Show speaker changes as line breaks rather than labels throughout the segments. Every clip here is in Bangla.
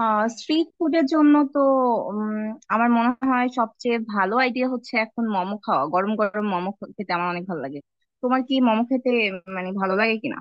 স্ট্রিট ফুডের জন্য তো উম, আমার মনে হয় সবচেয়ে ভালো আইডিয়া হচ্ছে এখন মোমো খাওয়া। গরম গরম মোমো খেতে আমার অনেক ভালো লাগে। তোমার কি মোমো খেতে মানে ভালো লাগে কিনা?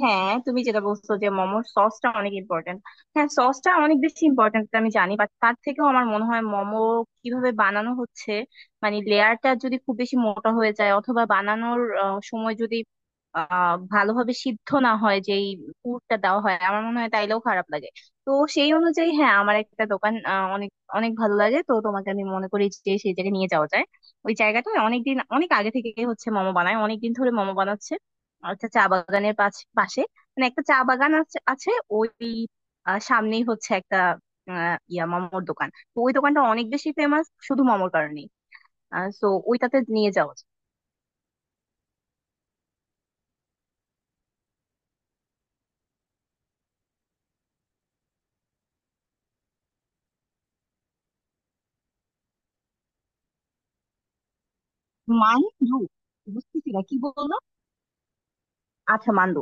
হ্যাঁ, তুমি যেটা বলছো যে মোমোর সসটা অনেক ইম্পর্টেন্ট। হ্যাঁ সসটা অনেক বেশি ইম্পর্টেন্ট আমি জানি, বাট তার থেকেও আমার মনে হয় মোমো কিভাবে বানানো হচ্ছে। মানে লেয়ারটা যদি খুব বেশি মোটা হয়ে যায় অথবা বানানোর সময় যদি ভালোভাবে সিদ্ধ না হয় যেই পুরটা দেওয়া হয়, আমার মনে হয় তাইলেও খারাপ লাগে। তো সেই অনুযায়ী হ্যাঁ, আমার একটা দোকান অনেক অনেক ভালো লাগে, তো তোমাকে আমি মনে করি যে সেই জায়গায় নিয়ে যাওয়া যায়। ওই জায়গাটায় অনেকদিন অনেক আগে থেকে হচ্ছে মোমো বানায়, অনেকদিন ধরে মোমো বানাচ্ছে। একটা চা বাগানের পাশে, মানে একটা চা বাগান আছে আছে ওই, সামনেই হচ্ছে একটা আহ, ইয়া মামোর দোকান। তো ওই দোকানটা অনেক বেশি ফেমাস শুধু মামোর কারণে, তো ওইটাতে নিয়ে যাওয়া উচিত। মান্দু? বুঝতেছি না কি বললো। আচ্ছা মান্দু।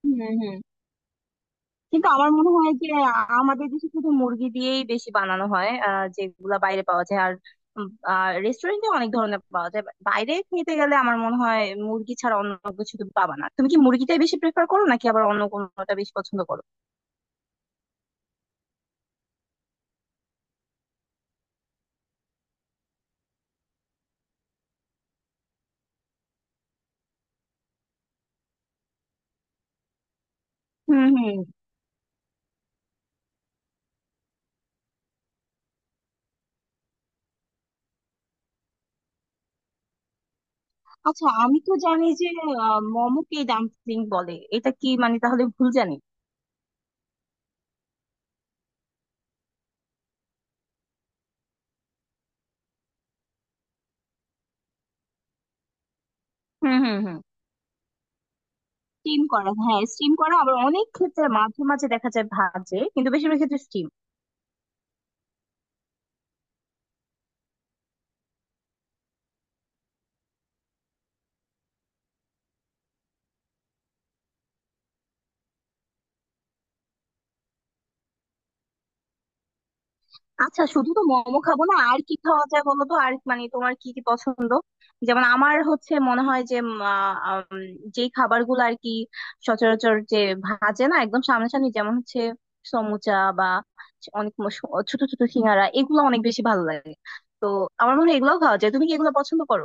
হুম হুম। কিন্তু আমার মনে হয় যে আমাদের দেশে শুধু মুরগি দিয়েই বেশি বানানো হয় যেগুলা বাইরে পাওয়া যায়। আর রেস্টুরেন্টে অনেক ধরনের পাওয়া যায়, বাইরে খেতে গেলে আমার মনে হয় মুরগি ছাড়া অন্য কিছু তুমি পাবা না। তুমি কি মুরগিটাই বেশি প্রেফার করো নাকি আবার অন্য কোনোটা বেশি পছন্দ করো? হুম হুম। আচ্ছা আমি তো জানি যে মোমোকে ডাম্পলিং বলে, এটা কি মানে তাহলে ভুল জানি? হুম হুম হুম। স্টিম করা, হ্যাঁ স্টিম করা। আবার অনেক ক্ষেত্রে মাঝে মাঝে দেখা যায় ভাজে, কিন্তু বেশিরভাগ ক্ষেত্রে স্টিম। আচ্ছা শুধু তো মোমো খাবো না, আর কি খাওয়া যায় বলো তো? আর মানে তোমার কি কি পছন্দ? যেমন আমার হচ্ছে মনে হয় যে যে খাবারগুলো আর কি সচরাচর যে ভাজে না একদম সামনাসামনি, যেমন হচ্ছে সমুচা বা অনেক ছোট ছোট সিঙ্গারা, এগুলো অনেক বেশি ভালো লাগে। তো আমার মনে হয় এগুলোও খাওয়া যায়। তুমি কি এগুলো পছন্দ করো?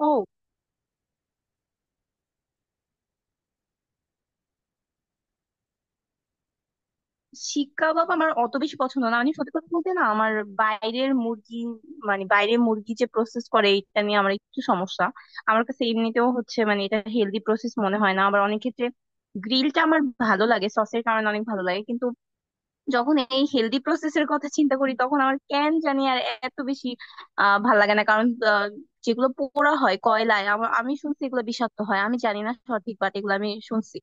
ও, শিক কাবাব আমার অত বেশি পছন্দ না, মানে সত্যি কথা বলতে না। আমার বাইরের মুরগি মানে বাইরের মুরগি যে প্রসেস করে এটা নিয়ে আমার একটু সমস্যা। আমার কাছে এমনিতেও হচ্ছে মানে এটা হেলদি প্রসেস মনে হয় না। আবার অনেক ক্ষেত্রে গ্রিলটা আমার ভালো লাগে সসের কারণে অনেক ভালো লাগে, কিন্তু যখন এই হেলদি প্রসেসের কথা চিন্তা করি তখন আমার কেন জানি আর এত বেশি ভালো লাগে না। কারণ যেগুলো পোড়া হয় কয়লায়, আমি শুনছি এগুলো বিষাক্ত হয়। আমি জানি না সঠিক, বাট এগুলো আমি শুনছি।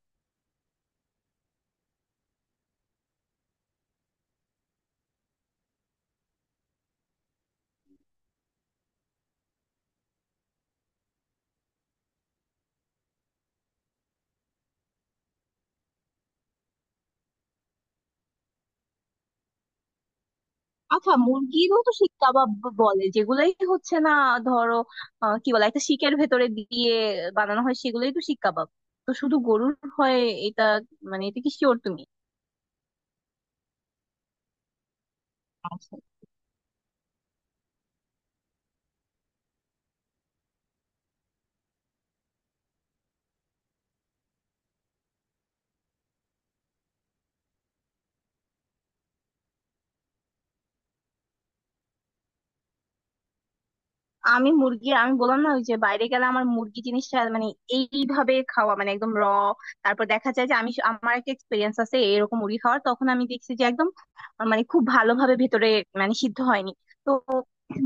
আচ্ছা মুরগিরও তো শিক কাবাব বলে যেগুলাই হচ্ছে না? ধরো কি বলে একটা শিকের ভেতরে দিয়ে বানানো হয় সেগুলোই তো শিক কাবাব। তো শুধু গরুর হয় এটা, মানে এটা কি শিওর তুমি? আমি মুরগি, আমি বললাম না ওই যে বাইরে গেলে আমার মুরগি জিনিসটা মানে এইভাবে খাওয়া মানে একদম র, তারপর দেখা যায় যে আমি আমার একটা এক্সপিরিয়েন্স আছে এরকম মুরগি খাওয়ার, তখন আমি দেখছি যে একদম মানে খুব ভালোভাবে ভেতরে মানে সিদ্ধ হয়নি। তো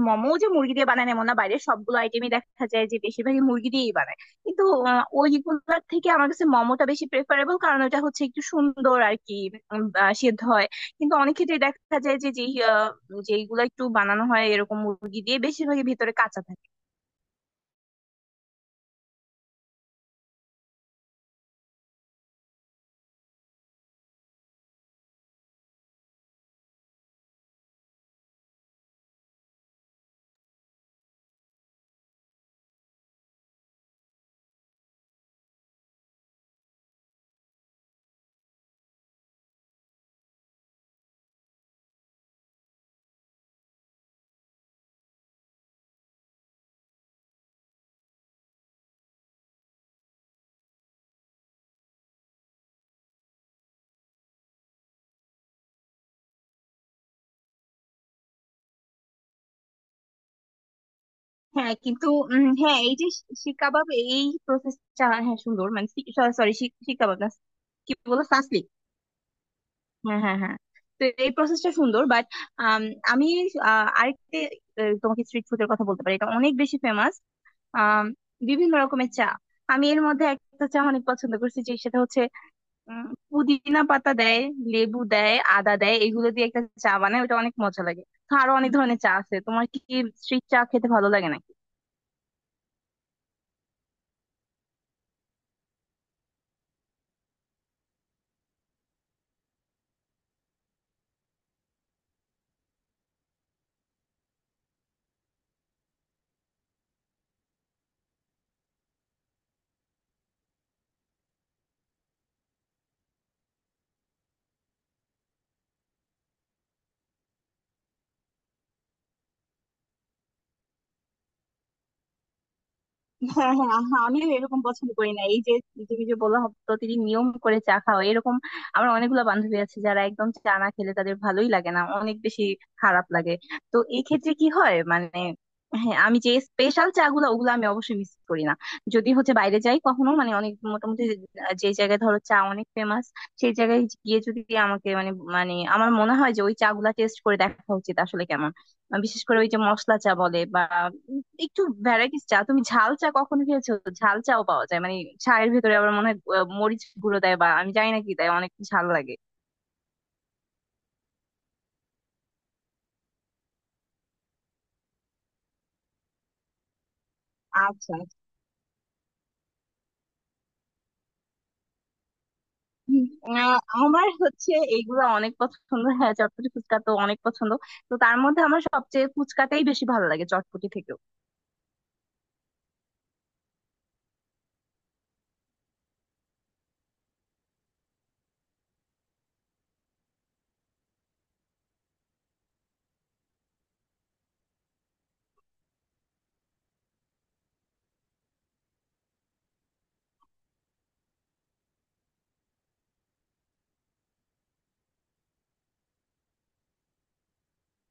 মোমো যে মুরগি দিয়ে বানায় এমন না, বাইরের সবগুলো আইটেমই দেখা যায় যে বেশিরভাগই মুরগি দিয়েই বানায়। কিন্তু ওইগুলোর থেকে আমার কাছে মোমোটা বেশি প্রেফারেবল, কারণ ওটা হচ্ছে একটু সুন্দর আর কি সিদ্ধ হয়। কিন্তু অনেক ক্ষেত্রে দেখা যায় যে যে যেইগুলো একটু বানানো হয় এরকম মুরগি দিয়ে, বেশিরভাগই ভিতরে কাঁচা থাকে। হ্যাঁ কিন্তু হ্যাঁ এই যে শিক কাবাব, এই প্রসেসটা হ্যাঁ সুন্দর মানে সরি, শিক কাবাব না, কি বলো সাসলিক, হ্যাঁ হ্যাঁ হ্যাঁ, তো এই প্রসেসটা সুন্দর বাট আমি আরেকটা তোমাকে স্ট্রিট ফুডের কথা বলতে পারি, এটা অনেক বেশি ফেমাস বিভিন্ন রকমের চা। আমি এর মধ্যে একটা চা অনেক পছন্দ করছি যে সেটা হচ্ছে উম, পুদিনা পাতা দেয়, লেবু দেয়, আদা দেয়, এগুলো দিয়ে একটা চা বানায়, ওটা অনেক মজা লাগে। তো আরো অনেক ধরনের চা আছে। তোমার কি স্ট্রিট চা খেতে ভালো লাগে নাকি? হ্যাঁ হ্যাঁ আহা, আমিও এরকম পছন্দ করি না। এই যে তুমি যে বললা প্রতিদিন নিয়ম করে চা খাও এরকম, আমার অনেকগুলো বান্ধবী আছে যারা একদম চা না খেলে তাদের ভালোই লাগে না, অনেক বেশি খারাপ লাগে। তো এই ক্ষেত্রে কি হয় মানে হ্যাঁ, আমি যে স্পেশাল চা গুলো ওগুলো আমি অবশ্যই মিস করি না যদি হচ্ছে বাইরে যাই কখনো। মানে অনেক মোটামুটি যে জায়গায় ধরো চা অনেক ফেমাস, সেই জায়গায় গিয়ে যদি আমাকে মানে মানে আমার মনে হয় যে ওই চা গুলা টেস্ট করে দেখা উচিত আসলে কেমন। বিশেষ করে ওই যে মশলা চা বলে বা একটু ভ্যারাইটিস চা। তুমি ঝাল চা কখনো খেয়েছো? ঝাল চাও পাওয়া যায় মানে চায়ের ভেতরে আবার মনে হয় মরিচ গুঁড়ো দেয় বা আমি জানি না কি দেয়, অনেক ঝাল লাগে। আচ্ছা উম, আহ, আমার হচ্ছে এইগুলো অনেক পছন্দ হ্যাঁ, চটপটি ফুচকা তো অনেক পছন্দ। তো তার মধ্যে আমার সবচেয়ে ফুচকাটাই বেশি ভালো লাগে, চটপটি থেকেও।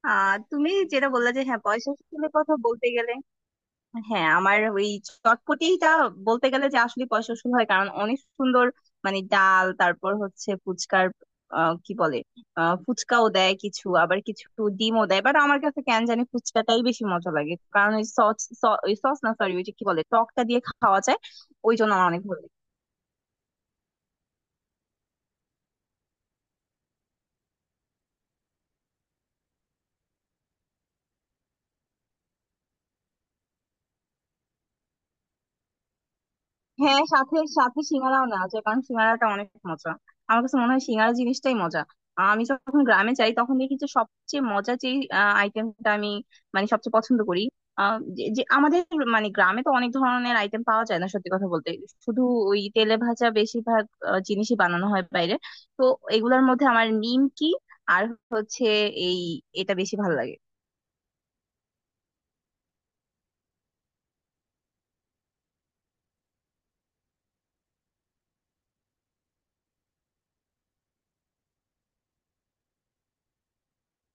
তুমি যেটা বললা যে হ্যাঁ পয়সা শুনে কথা বলতে গেলে, হ্যাঁ আমার ওই চটপটিটা বলতে গেলে যে আসলে পয়সা উসুল হয় কারণ অনেক সুন্দর মানে ডাল, তারপর হচ্ছে ফুচকার কি বলে ফুচকাও দেয় কিছু, আবার কিছু ডিমও দেয়। বাট আমার কাছে কেন জানি ফুচকাটাই বেশি মজা লাগে, কারণ ওই সস, ওই সস না সরি, ওই যে কি বলে টকটা দিয়ে খাওয়া যায়, ওই জন্য আমার অনেক ভালো লাগে। হ্যাঁ সাথে সাথে সিঙ্গারাও না আছে, কারণ সিঙ্গারাটা অনেক মজা। আমার কাছে মনে হয় সিঙ্গারা জিনিসটাই মজা। আমি যখন গ্রামে যাই তখন দেখি যে সবচেয়ে মজা যে আইটেমটা আমি মানে সবচেয়ে পছন্দ করি, যে যে আমাদের মানে গ্রামে তো অনেক ধরনের আইটেম পাওয়া যায় না সত্যি কথা বলতে, শুধু ওই তেলে ভাজা বেশিরভাগ জিনিসই বানানো হয় বাইরে। তো এগুলোর মধ্যে আমার নিমকি আর হচ্ছে এই এটা বেশি ভালো লাগে।